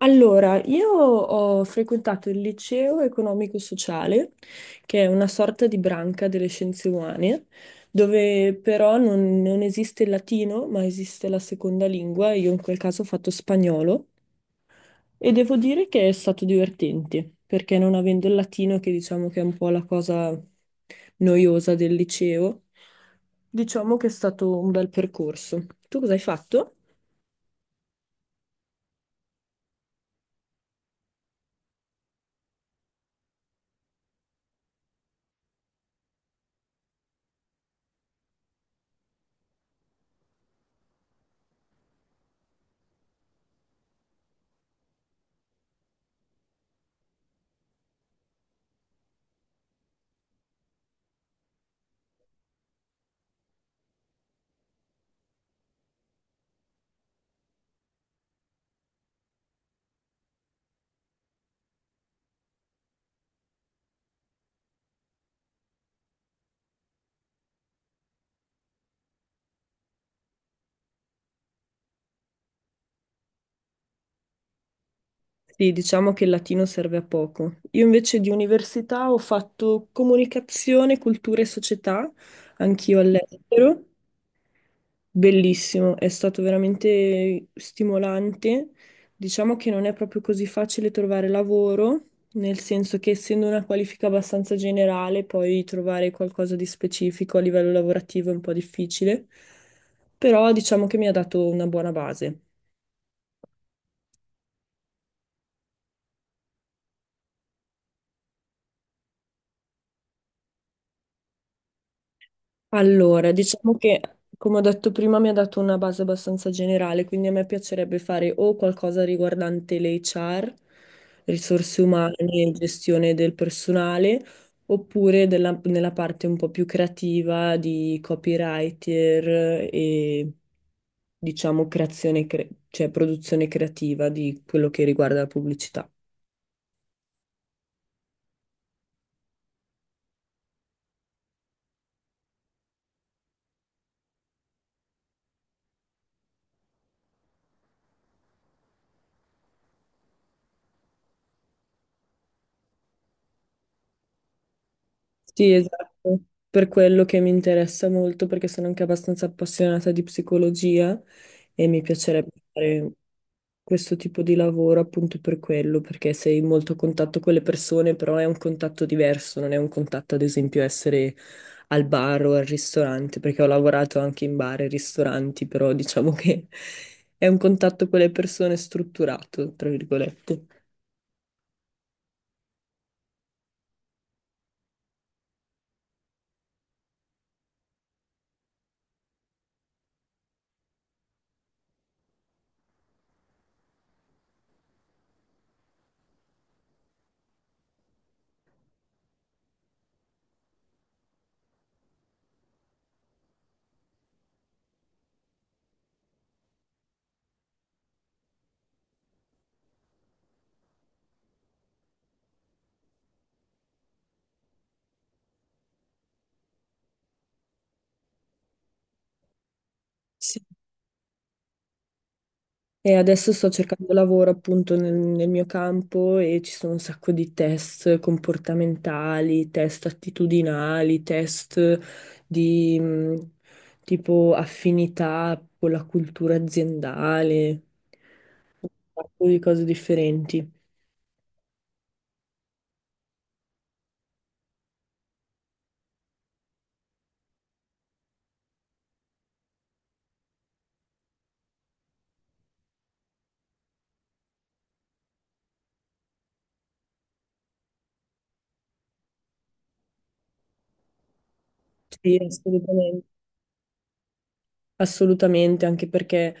Allora, io ho frequentato il liceo economico-sociale, che è una sorta di branca delle scienze umane, dove però non esiste il latino, ma esiste la seconda lingua. Io in quel caso ho fatto spagnolo e devo dire che è stato divertente, perché non avendo il latino, che diciamo che è un po' la cosa noiosa del liceo, diciamo che è stato un bel percorso. Tu cosa hai fatto? Sì, diciamo che il latino serve a poco. Io invece di università ho fatto comunicazione, cultura e società, anch'io all'estero. Bellissimo, è stato veramente stimolante. Diciamo che non è proprio così facile trovare lavoro, nel senso che essendo una qualifica abbastanza generale, poi trovare qualcosa di specifico a livello lavorativo è un po' difficile, però diciamo che mi ha dato una buona base. Allora, diciamo che, come ho detto prima, mi ha dato una base abbastanza generale, quindi a me piacerebbe fare o qualcosa riguardante l'HR, risorse umane e gestione del personale, oppure della- nella parte un po' più creativa di copywriter e, diciamo, creazione, cioè produzione creativa di quello che riguarda la pubblicità. Sì, esatto, per quello che mi interessa molto, perché sono anche abbastanza appassionata di psicologia e mi piacerebbe fare questo tipo di lavoro appunto per quello, perché sei molto a contatto con le persone, però è un contatto diverso, non è un contatto ad esempio essere al bar o al ristorante, perché ho lavorato anche in bar e ristoranti, però diciamo che è un contatto con le persone strutturato, tra virgolette. Sì. E adesso sto cercando lavoro appunto nel, nel mio campo e ci sono un sacco di test comportamentali, test attitudinali, test di tipo affinità con la cultura aziendale, un sacco di cose differenti. Sì, assolutamente. Assolutamente, anche perché,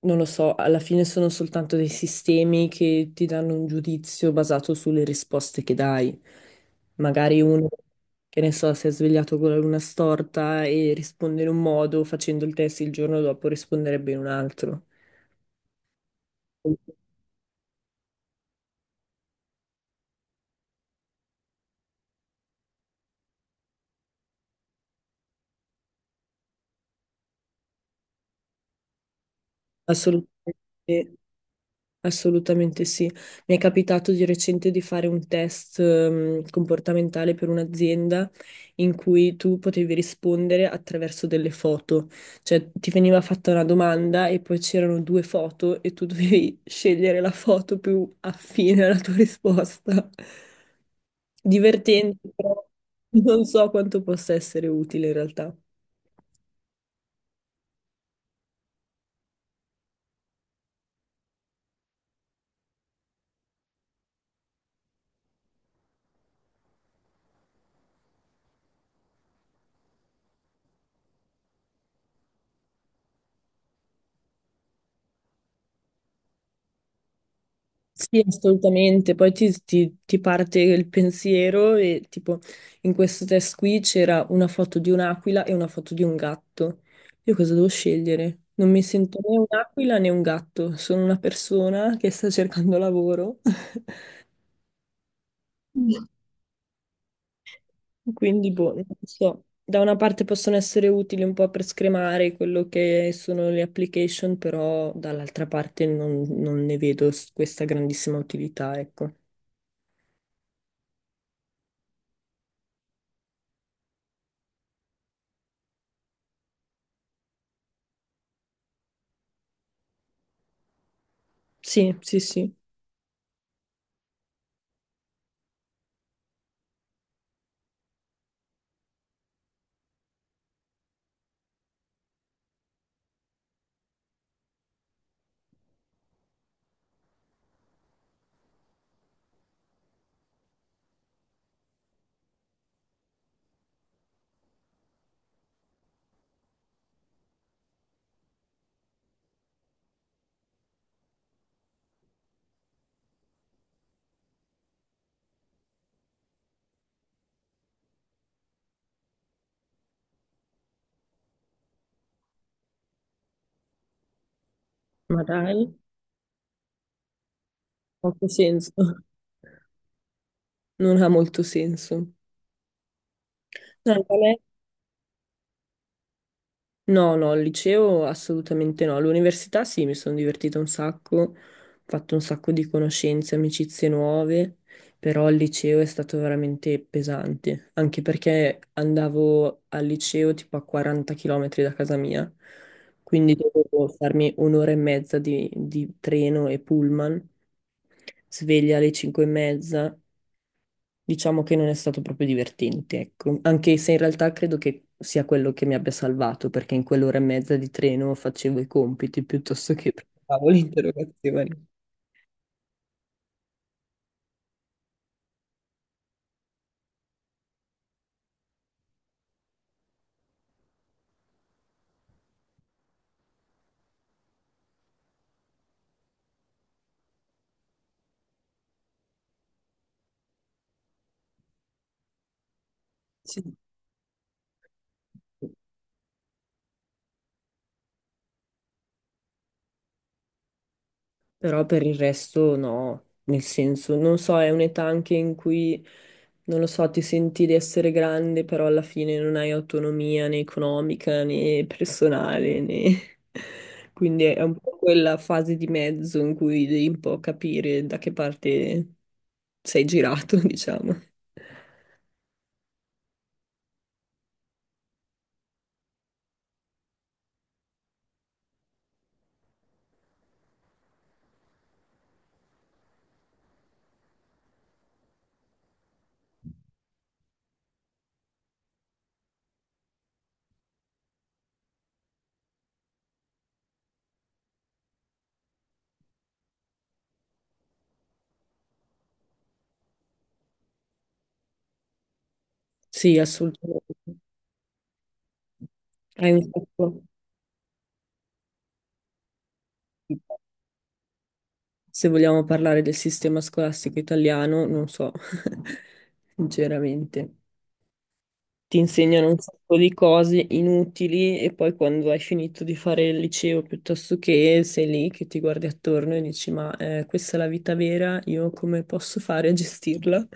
non lo so, alla fine sono soltanto dei sistemi che ti danno un giudizio basato sulle risposte che dai. Magari uno, che ne so, si è svegliato con la luna storta e risponde in un modo, facendo il test il giorno dopo risponderebbe in un altro. Assolutamente. Assolutamente sì. Mi è capitato di recente di fare un test comportamentale per un'azienda in cui tu potevi rispondere attraverso delle foto, cioè ti veniva fatta una domanda e poi c'erano due foto e tu dovevi scegliere la foto più affine alla tua risposta. Divertente, però non so quanto possa essere utile in realtà. Sì, assolutamente. Poi ti parte il pensiero e tipo in questo test qui c'era una foto di un'aquila e una foto di un gatto. Io cosa devo scegliere? Non mi sento né un'aquila né un gatto, sono una persona che sta cercando lavoro. Quindi, boh, non so. Da una parte possono essere utili un po' per scremare quello che sono le application, però dall'altra parte non, non ne vedo questa grandissima utilità, ecco. Sì, sì, sì. Ma dai. Poco senso, non ha molto senso. No, no, no, al liceo assolutamente no. All'università sì, mi sono divertita un sacco, ho fatto un sacco di conoscenze, amicizie nuove, però al liceo è stato veramente pesante, anche perché andavo al liceo tipo a 40 km da casa mia, quindi dovevo farmi un'ora e mezza di treno e pullman, sveglia alle 5 e mezza. Diciamo che non è stato proprio divertente, ecco, anche se in realtà credo che sia quello che mi abbia salvato, perché in quell'ora e mezza di treno facevo i compiti piuttosto che preparavo le interrogazioni. Sì. Però per il resto no, nel senso, non so, è un'età anche in cui, non lo so, ti senti di essere grande, però alla fine non hai autonomia né economica né personale, né... Quindi è un po' quella fase di mezzo in cui devi un po' capire da che parte sei girato, diciamo. Sì, assolutamente. Hai un sacco- Se vogliamo parlare del sistema scolastico italiano, non so, sinceramente. Ti insegnano un sacco di cose inutili e poi quando hai finito di fare il liceo piuttosto che sei lì che ti guardi attorno e dici ma questa è la vita vera, io come posso fare a gestirla?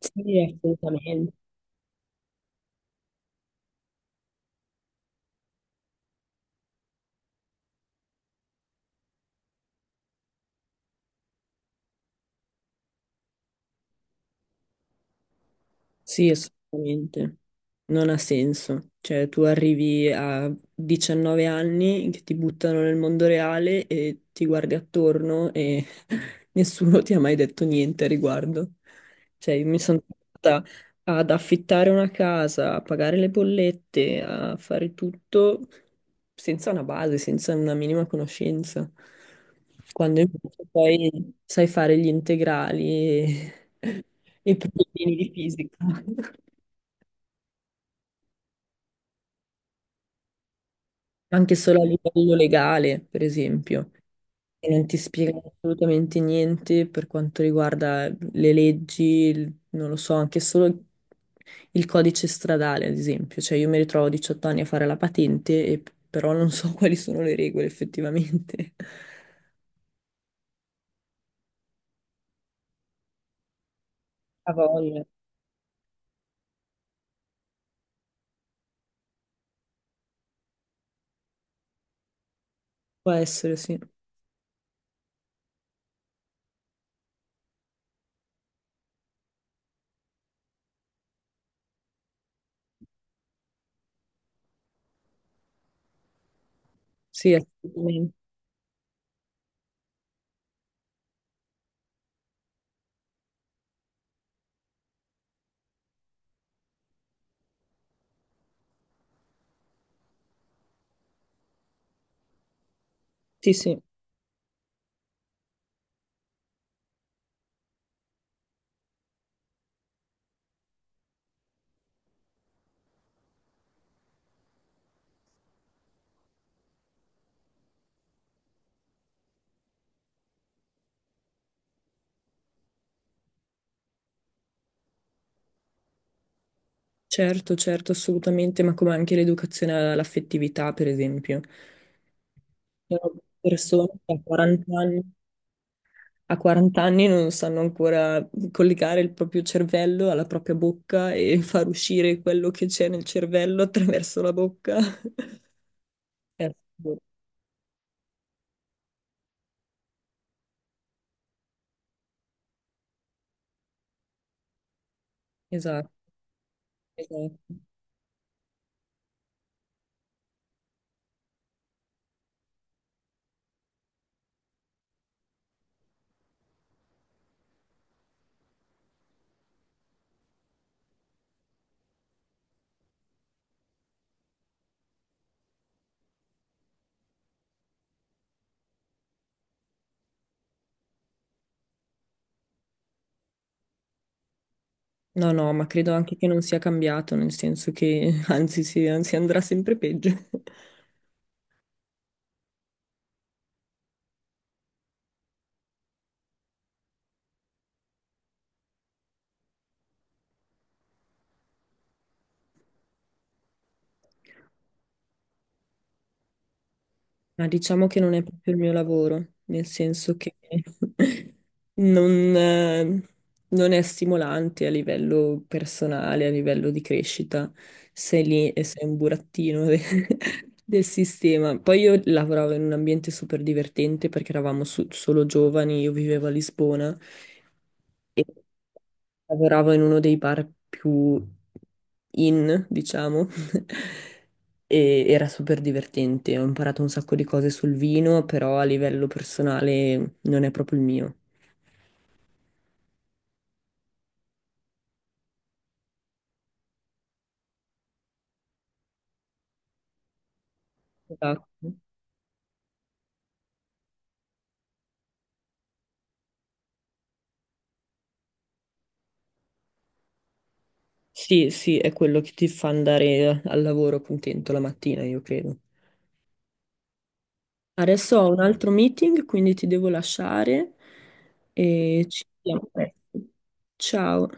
Sì, assolutamente. Sì, assolutamente. Non ha senso. Cioè, tu arrivi a 19 anni che ti buttano nel mondo reale e ti guardi attorno e nessuno ti ha mai detto niente a riguardo. Cioè, io mi sono trovata ad affittare una casa, a pagare le bollette, a fare tutto senza una base, senza una minima conoscenza. Quando invece poi sai fare gli integrali e i problemi di fisica, anche solo a livello legale, per esempio, che non ti spiegano assolutamente niente per quanto riguarda le leggi, non lo so, anche solo il codice stradale, ad esempio. Cioè, io mi ritrovo a 18 anni a fare la patente, però non so quali sono le regole effettivamente. A voglia. Può essere, sì. Sì, assolutamente. Sì, sì. Certo, certo, assolutamente, ma come anche l'educazione all'affettività, per esempio. Ci sono persone che a 40 anni, a 40 anni non sanno ancora collegare il proprio cervello alla propria bocca e far uscire quello che c'è nel cervello attraverso la bocca. È assurdo. Esatto, esatto. No, no, ma credo anche che non sia cambiato, nel senso che anzi, si, anzi andrà sempre peggio. Ma diciamo che non è proprio il mio lavoro, nel senso che non, eh, non è stimolante a livello personale, a livello di crescita. Sei lì e sei un burattino del sistema. Poi io lavoravo in un ambiente super divertente perché eravamo solo giovani, io vivevo a Lisbona e lavoravo in uno dei bar più in, diciamo. E era super divertente. Ho imparato un sacco di cose sul vino, però a livello personale non è proprio il mio. Esatto. Sì, sì, è quello che ti fa andare al lavoro contento la mattina, io credo. Adesso ho un altro meeting, quindi ti devo lasciare e ci vediamo presto. Ciao.